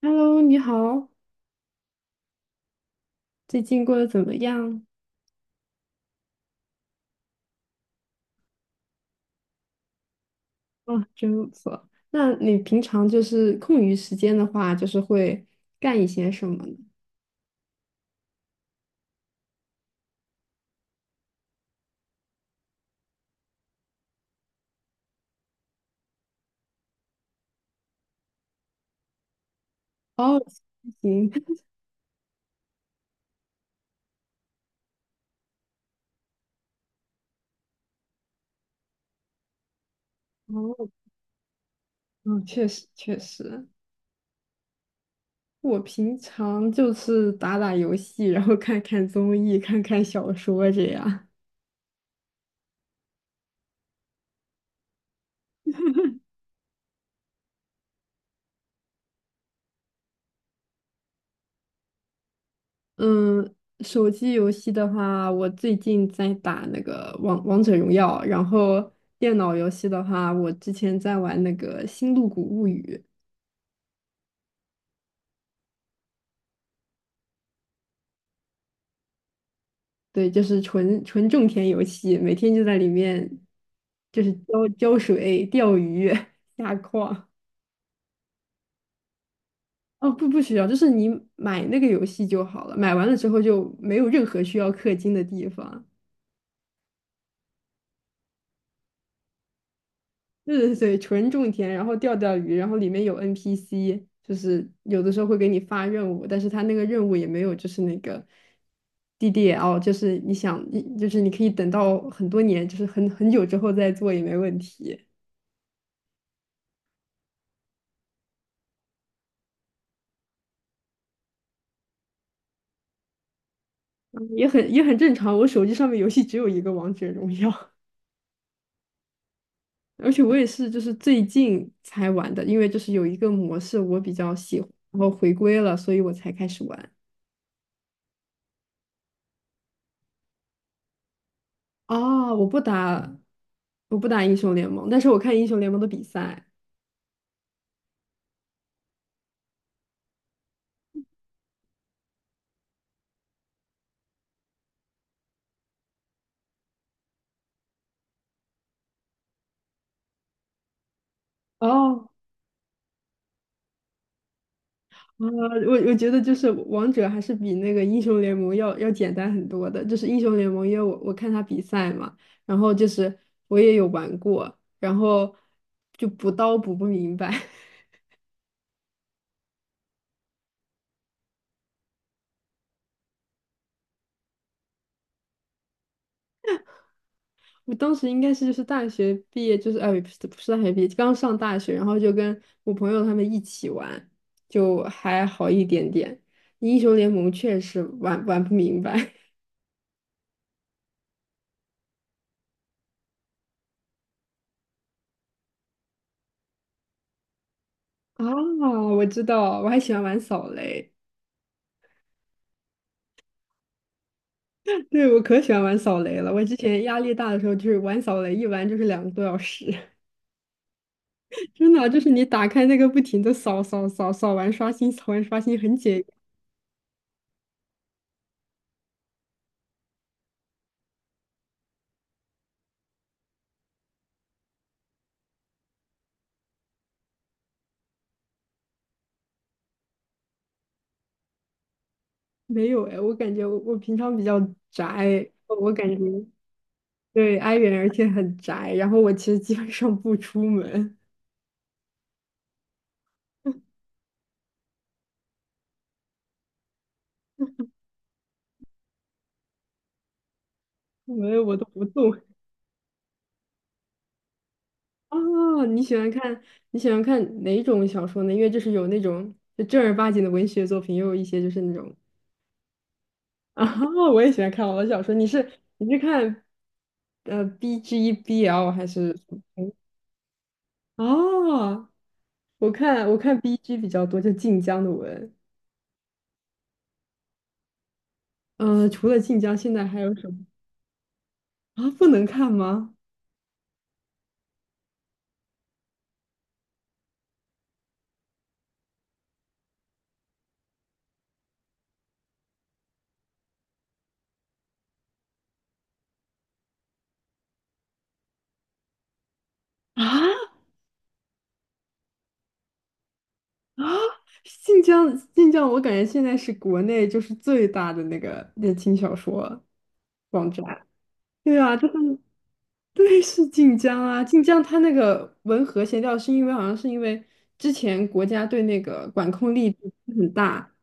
Hello，你好，最近过得怎么样？哦，真不错。那你平常就是空余时间的话，就是会干一些什么呢？哦，行，哦，嗯，确实确实，我平常就是打打游戏，然后看看综艺，看看小说这样。嗯，手机游戏的话，我最近在打那个王者荣耀，然后电脑游戏的话，我之前在玩那个《星露谷物语》。对，就是纯纯种田游戏，每天就在里面，就是浇浇水、钓鱼、下矿。哦，不需要，就是你买那个游戏就好了，买完了之后就没有任何需要氪金的地方。对对对，纯种田，然后钓钓鱼，然后里面有 NPC，就是有的时候会给你发任务，但是他那个任务也没有，就是那个 DDL，就是你想，你就是你可以等到很多年，就是很久之后再做也没问题。嗯也很正常。我手机上面游戏只有一个王者荣耀，而且我也是就是最近才玩的，因为就是有一个模式我比较喜欢，然后回归了，所以我才开始玩。哦，我不打英雄联盟，但是我看英雄联盟的比赛。哦，呃，我觉得就是王者还是比那个英雄联盟要简单很多的。就是英雄联盟，因为我看他比赛嘛，然后就是我也有玩过，然后就补刀不明白。我当时应该是就是大学毕业，就是哎，不是大学毕业，刚上大学，然后就跟我朋友他们一起玩，就还好一点点。英雄联盟确实玩不明白 啊，我知道，我还喜欢玩扫雷，对，我可喜欢玩扫雷了。我之前压力大的时候，就是玩扫雷，一玩就是两个多小时，真的啊就是你打开那个不停的扫扫完刷新，扫完刷新很解压没有哎，我感觉我平常比较宅，我感觉。对，i 人，而且很宅。然后我其实基本上不出门，出门我都不动。哦，你喜欢看哪种小说呢？因为就是有那种就正儿八经的文学作品，也有一些就是那种啊，我也喜欢看网络小说。你是看BGBL 还是？哦，我看 BG 比较多，就晋江的文。嗯，除了晋江，现在还有什么啊？不能看吗？啊？啊，晋江，我感觉现在是国内就是最大的那个言情小说网站。对啊，就是对，是晋江啊，晋江它那个文和谐调是因为好像是因为之前国家对那个管控力度很大，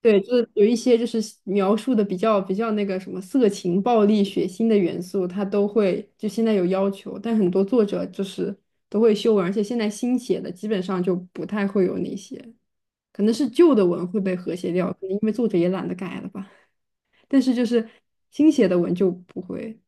对，就是有一些就是描述的比较那个什么色情、暴力、血腥的元素，它都会就现在有要求，但很多作者就是都会修文，而且现在新写的基本上就不太会有那些。可能是旧的文会被和谐掉，可能因为作者也懒得改了吧。但是就是新写的文就不会。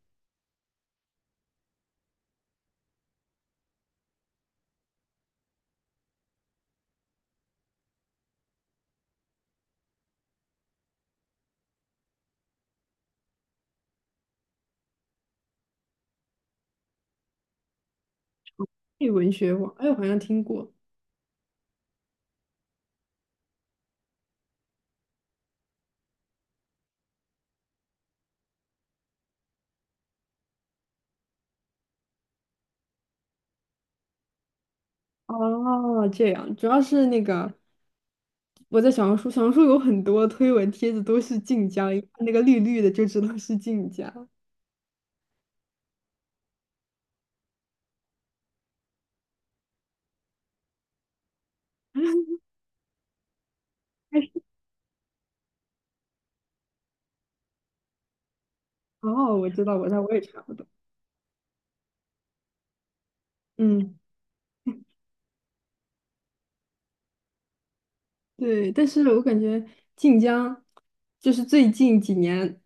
配文学网，哎，我好像听过。哦，这样，主要是那个我在小红书，小红书有很多推文帖子都是晋江，一看那个绿绿的就知道是晋江。哎，哦，我知道，我也查不到。嗯。对，但是我感觉晋江就是最近几年，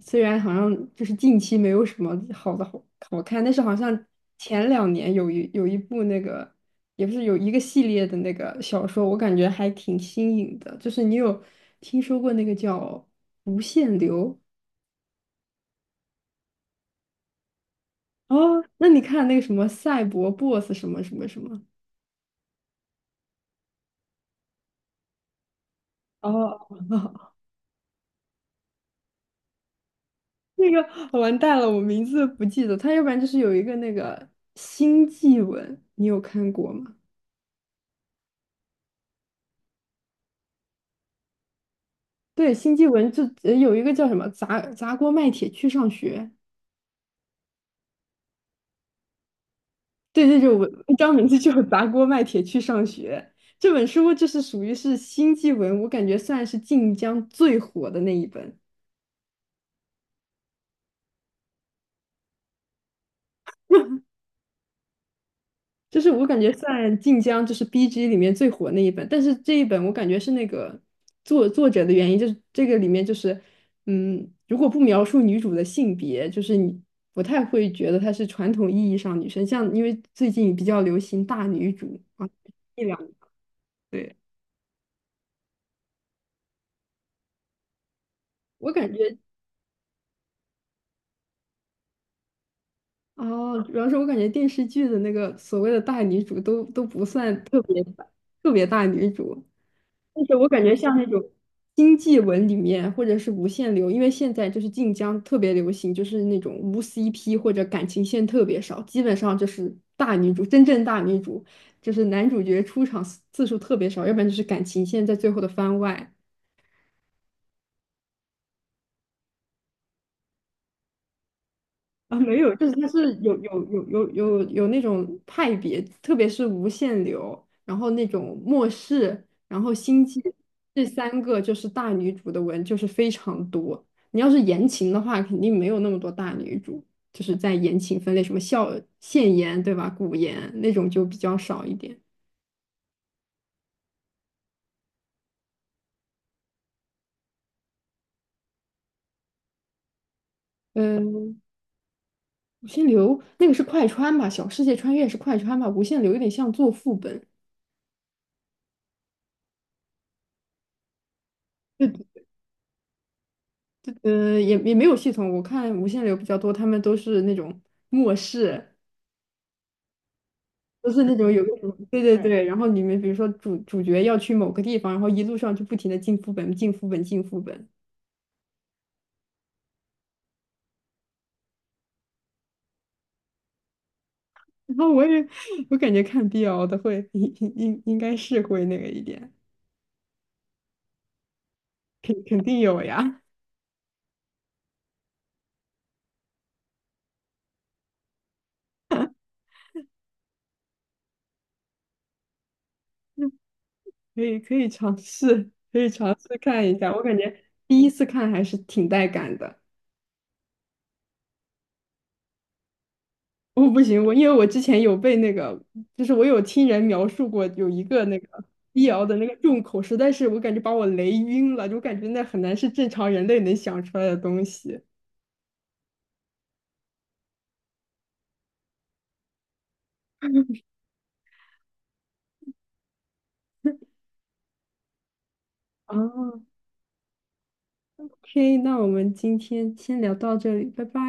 虽然好像就是近期没有什么好的好看，但是好像前两年有一部那个，也不是有一个系列的那个小说，我感觉还挺新颖的。就是你有听说过那个叫《无限流》哦？那你看那个什么赛博 BOSS 什么什么什么？哦，那个完蛋了，我名字不记得。他要不然就是有一个那个新纪文，你有看过吗？对，新纪文就有一个叫什么砸锅卖铁去上学。对对对，我一张名字就砸锅卖铁去上学。这本书就是属于是新纪文，我感觉算是晋江最火的那一本。就是我感觉算晋江就是 BG 里面最火那一本，但是这一本我感觉是那个作者的原因，就是这个里面就是，嗯，如果不描述女主的性别，就是你不太会觉得她是传统意义上女生，像因为最近比较流行大女主啊，一两，对，我感觉哦，主要是我感觉电视剧的那个所谓的大女主都不算特别特别大女主，但是我感觉像那种经济文里面，或者是无限流，因为现在就是晋江特别流行，就是那种无 CP 或者感情线特别少，基本上就是大女主，真正大女主，就是男主角出场次数特别少，要不然就是感情线在最后的番外。啊，没有，就是它是有那种派别，特别是无限流，然后那种末世，然后星际这三个就是大女主的文就是非常多。你要是言情的话，肯定没有那么多大女主，就是在言情分类，什么笑现言对吧，古言那种就比较少一点。嗯，无限流那个是快穿吧，小世界穿越是快穿吧，无限流有点像做副本。对也也没有系统。我看无限流比较多，他们都是那种末世，都是那种有个什么，对对对。然后里面比如说主角要去某个地方，然后一路上就不停的进副本、进副本、进副本。然后我也 我感觉看 BL 的会应该是会那个一点，肯肯定有呀，嗯可以可以尝试，可以尝试看一下。我感觉第一次看还是挺带感的。我不行，我因为我之前有被那个，就是我有听人描述过有一个那个医瑶的那个重口，实在是我感觉把我雷晕了，就感觉那很难是正常人类能想出来的东西。哦，OK，那我们今天先聊到这里，拜拜。